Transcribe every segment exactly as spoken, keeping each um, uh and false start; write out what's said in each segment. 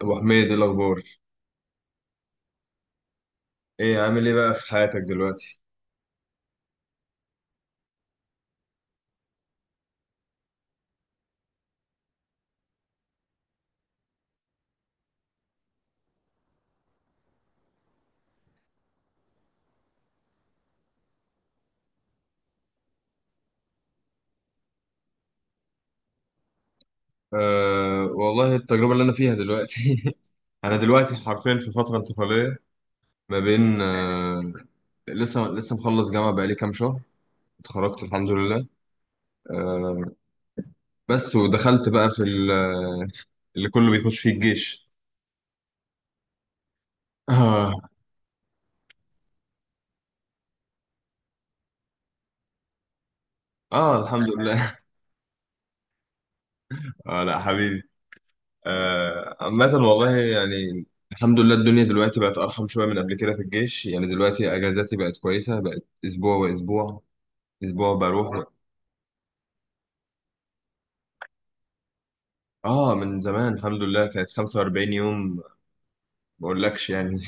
ابو حميد، إيه الاخبار؟ ايه عامل ايه بقى في حياتك دلوقتي؟ أه والله، التجربه اللي انا فيها دلوقتي. انا دلوقتي حرفيا في فتره انتقاليه، ما بين أه لسه لسه مخلص جامعه بقالي كام شهر. اتخرجت الحمد لله أه بس ودخلت بقى في ال- آه، اللي كله بيخش فيه الجيش. اه، اه، الحمد لله. اه لا حبيبي. آه عامة والله يعني، الحمد لله الدنيا دلوقتي بقت أرحم شوية من قبل كده في الجيش، يعني دلوقتي أجازاتي بقت كويسة، بقت أسبوع وأسبوع، اسبوع بروح. اه، من زمان الحمد لله، كانت 45 يوم ما اقولكش يعني.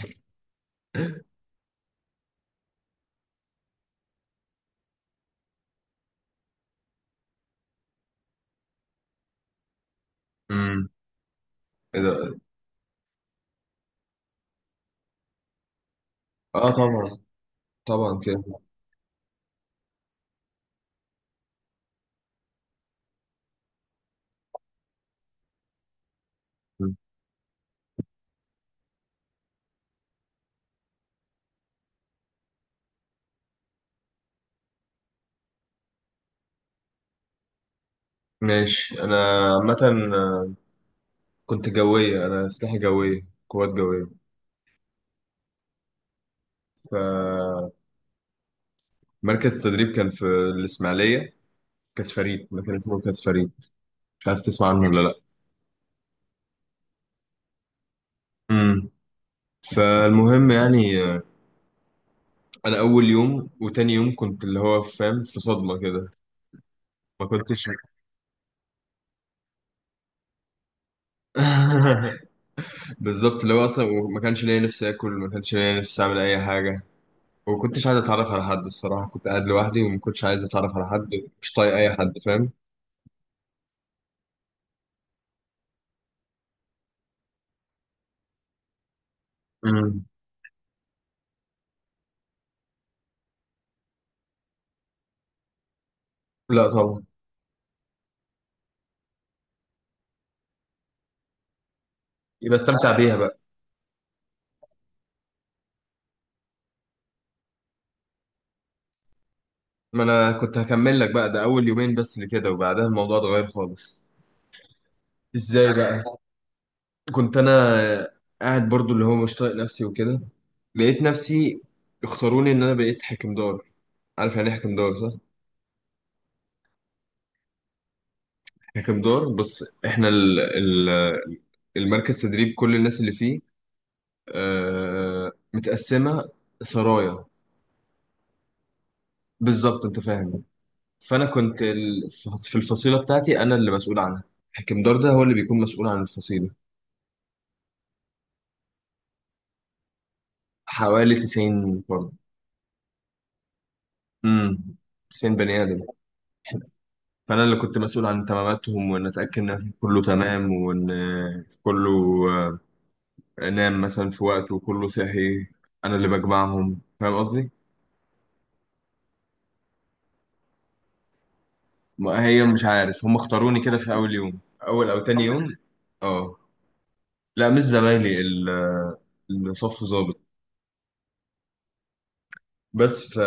امم. ايه ده. اه طبعا، طبعا كده. مم. ماشي. انا عامه آه، كنت جويه، انا اسلحه جويه، قوات جويه. فمركز تدريب كان في الاسماعيليه، كاس فريد، مكان اسمه كاس فريد، مش عارف تسمع عنه ولا لا. امم. فالمهم يعني، آه، انا اول يوم وتاني يوم كنت اللي هو فاهم في صدمه كده. ما كنتش. بالظبط، اللي هو اصلا ما كانش ليا نفسي اكل، ما كانش ليا نفسي اعمل اي حاجه، وما كنتش عايز اتعرف على حد. الصراحه كنت قاعد لوحدي وما كنتش عايز اتعرف على حد، مش طايق اي حد فاهم. امم. لا طبعا. يبقى استمتع بيها بقى. ما انا كنت هكمل لك بقى، ده اول يومين بس اللي كده، وبعدها الموضوع اتغير خالص. ازاي بقى؟ كنت انا قاعد برضو اللي هو مش طايق نفسي وكده، لقيت نفسي اختاروني ان انا بقيت حكمدار. عارف يعني ايه حكمدار صح؟ ككم دور، بص احنا ال ال المركز تدريب، كل الناس اللي فيه آه، متقسمة سرايا. بالظبط انت فاهم. فانا كنت ال- في الفصيلة بتاعتي، انا اللي مسؤول عنها. حكم دار ده هو اللي بيكون مسؤول عن الفصيلة. حوالي 90 فرد. امم. تسعين بني ادم. فانا اللي كنت مسؤول عن تماماتهم، وان اتاكد ان كله تمام، وان كله آه، نام مثلا في وقته وكله صحي. انا اللي بجمعهم، فاهم قصدي. ما هي مش عارف، هم اختاروني كده في اول يوم، اول او تاني أول يوم. اه. لا مش زمايلي، ال- الصف ظابط. بس ف...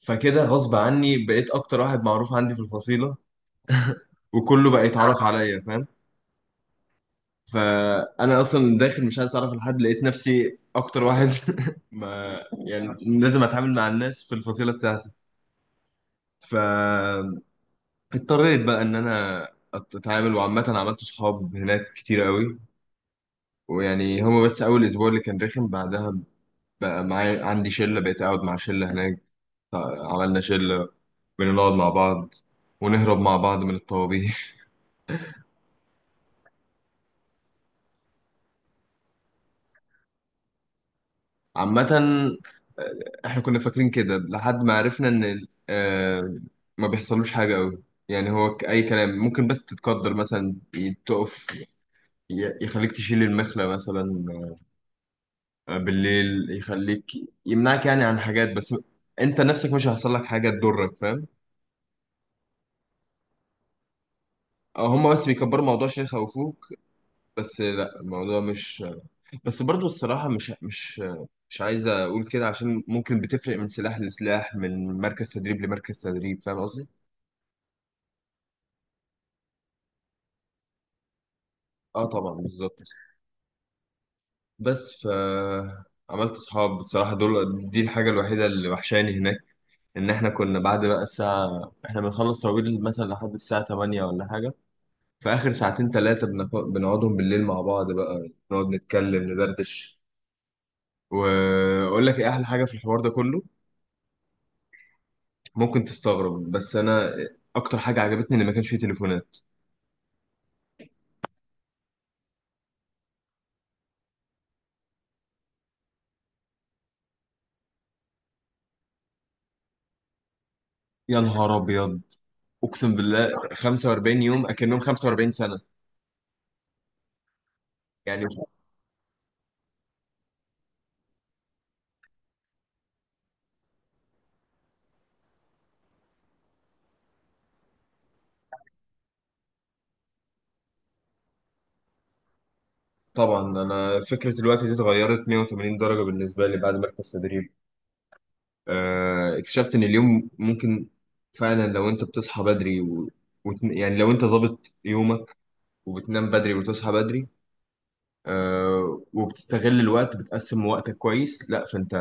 فكده غصب عني بقيت اكتر واحد معروف عندي في الفصيله، وكله بقى يتعرف عليا فاهم. فانا اصلا داخل مش عايز اتعرف لحد، لقيت نفسي اكتر واحد. ما يعني لازم اتعامل مع الناس في الفصيله بتاعتي، فاضطريت بقى ان انا اتعامل، وعامه عملت صحاب هناك كتير قوي. ويعني هو بس أول أسبوع اللي كان رخم، بعدها بقى معايا عندي شلة، بقيت أقعد مع شلة هناك، عملنا شلة، بنقعد مع بعض ونهرب مع بعض من الطوابير. عامة، آه، احنا كنا فاكرين كده لحد ما عرفنا ان ال- آه، ما بيحصلوش حاجة قوي، يعني هو ك- اي كلام، ممكن بس تتقدر مثلا ي- تقف، ي- يخليك تشيل المخلة مثلا، آه، بالليل يخليك، يمنعك يعني عن حاجات، بس انت نفسك مش هيحصل لك حاجة تضرك فاهم. أو هما بس بيكبروا الموضوع عشان يخوفوك، بس لا الموضوع مش. بس برضو الصراحة مش مش مش عايز أقول كده، عشان ممكن بتفرق من سلاح لسلاح، من مركز تدريب لمركز تدريب، فاهم قصدي؟ اه طبعا بالظبط. بس ف عملت صحاب بصراحة، دول دي الحاجة الوحيدة اللي وحشاني هناك، إن إحنا كنا بعد بقى الساعة، إحنا بنخلص تراويح مثلا لحد الساعة ثمانية ولا حاجة، في آخر ساعتين تلاتة بنق- بنقعدهم بالليل مع بعض بقى، نقعد نتكلم ندردش. واقول لك ايه احلى حاجه في الحوار ده كله. ممكن تستغرب، بس انا اكتر حاجه عجبتني ان ما كانش فيه تليفونات. يا نهار ابيض، اقسم بالله، خمسة وأربعين يوم يوم اكنهم خمسة وأربعين سنة سنه يعني. طبعا انا فكره الوقت دي اتغيرت مائة وثمانين درجة درجه بالنسبه لي بعد مركز تدريب. آه، اكتشفت ان اليوم ممكن فعلا، لو انت بتصحى بدري و... وت... يعني لو انت ظابط يومك، وبتنام بدري وتصحى بدري، آه، وبتستغل الوقت، بتقسم وقتك كويس، لا فانت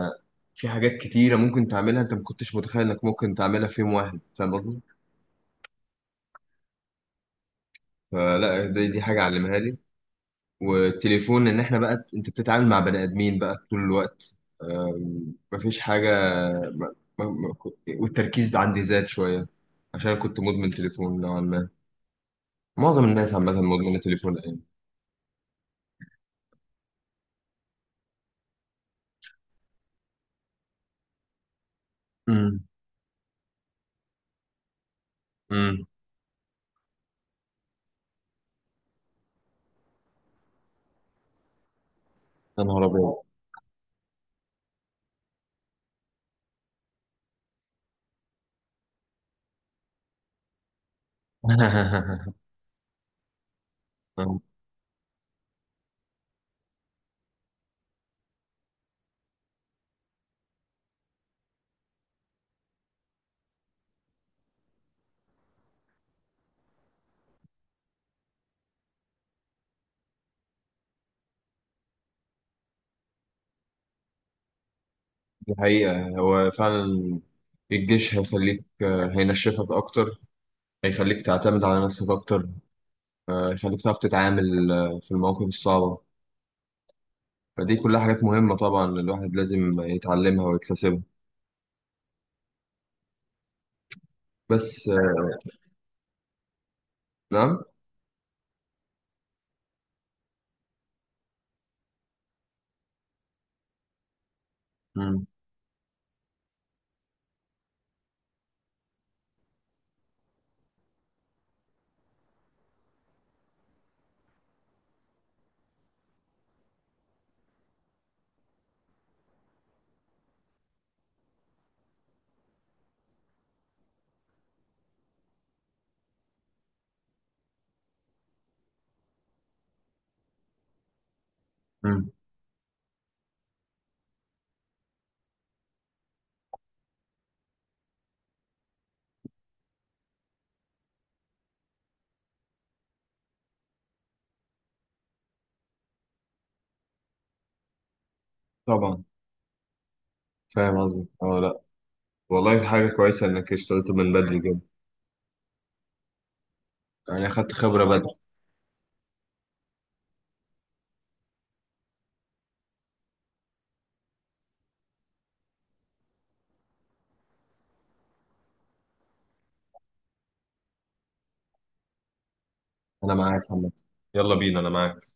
في حاجات كتيرة ممكن تعملها، انت ما كنتش متخيل انك ممكن تعملها في يوم واحد فاهم قصدي؟ فلا، دي, دي حاجة علمها لي، والتليفون. ان احنا بقى انت بتتعامل مع بني ادمين بقى طول الوقت، آم، مفيش حاجة. ما ما ما كنت- والتركيز عندي زاد شوية، عشان كنت مدمن تليفون نوعا ما. معظم الناس عامة مدمنة تليفون الأيام. امم. امم. يا نهار أبيض. دي حقيقة، هو فعلا الجيش هيخليك، آه، هينشفك أكتر، هيخليك تعتمد على نفسك أكتر، آه، هيخليك تعرف تتعامل آه، في المواقف الصعبة. فدي كلها حاجات مهمة، طبعا الواحد لازم يتعلمها ويكتسبها. بس آه، نعم. مم. مم. طبعا فاهم قصدك. اه لا والله، حاجة كويسة إنك اشتغلت من بدري جدا، يعني أخدت خبرة بدري. أنا معاك عامة. يلا بينا، أنا معاك.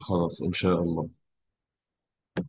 خلاص إن شاء الله.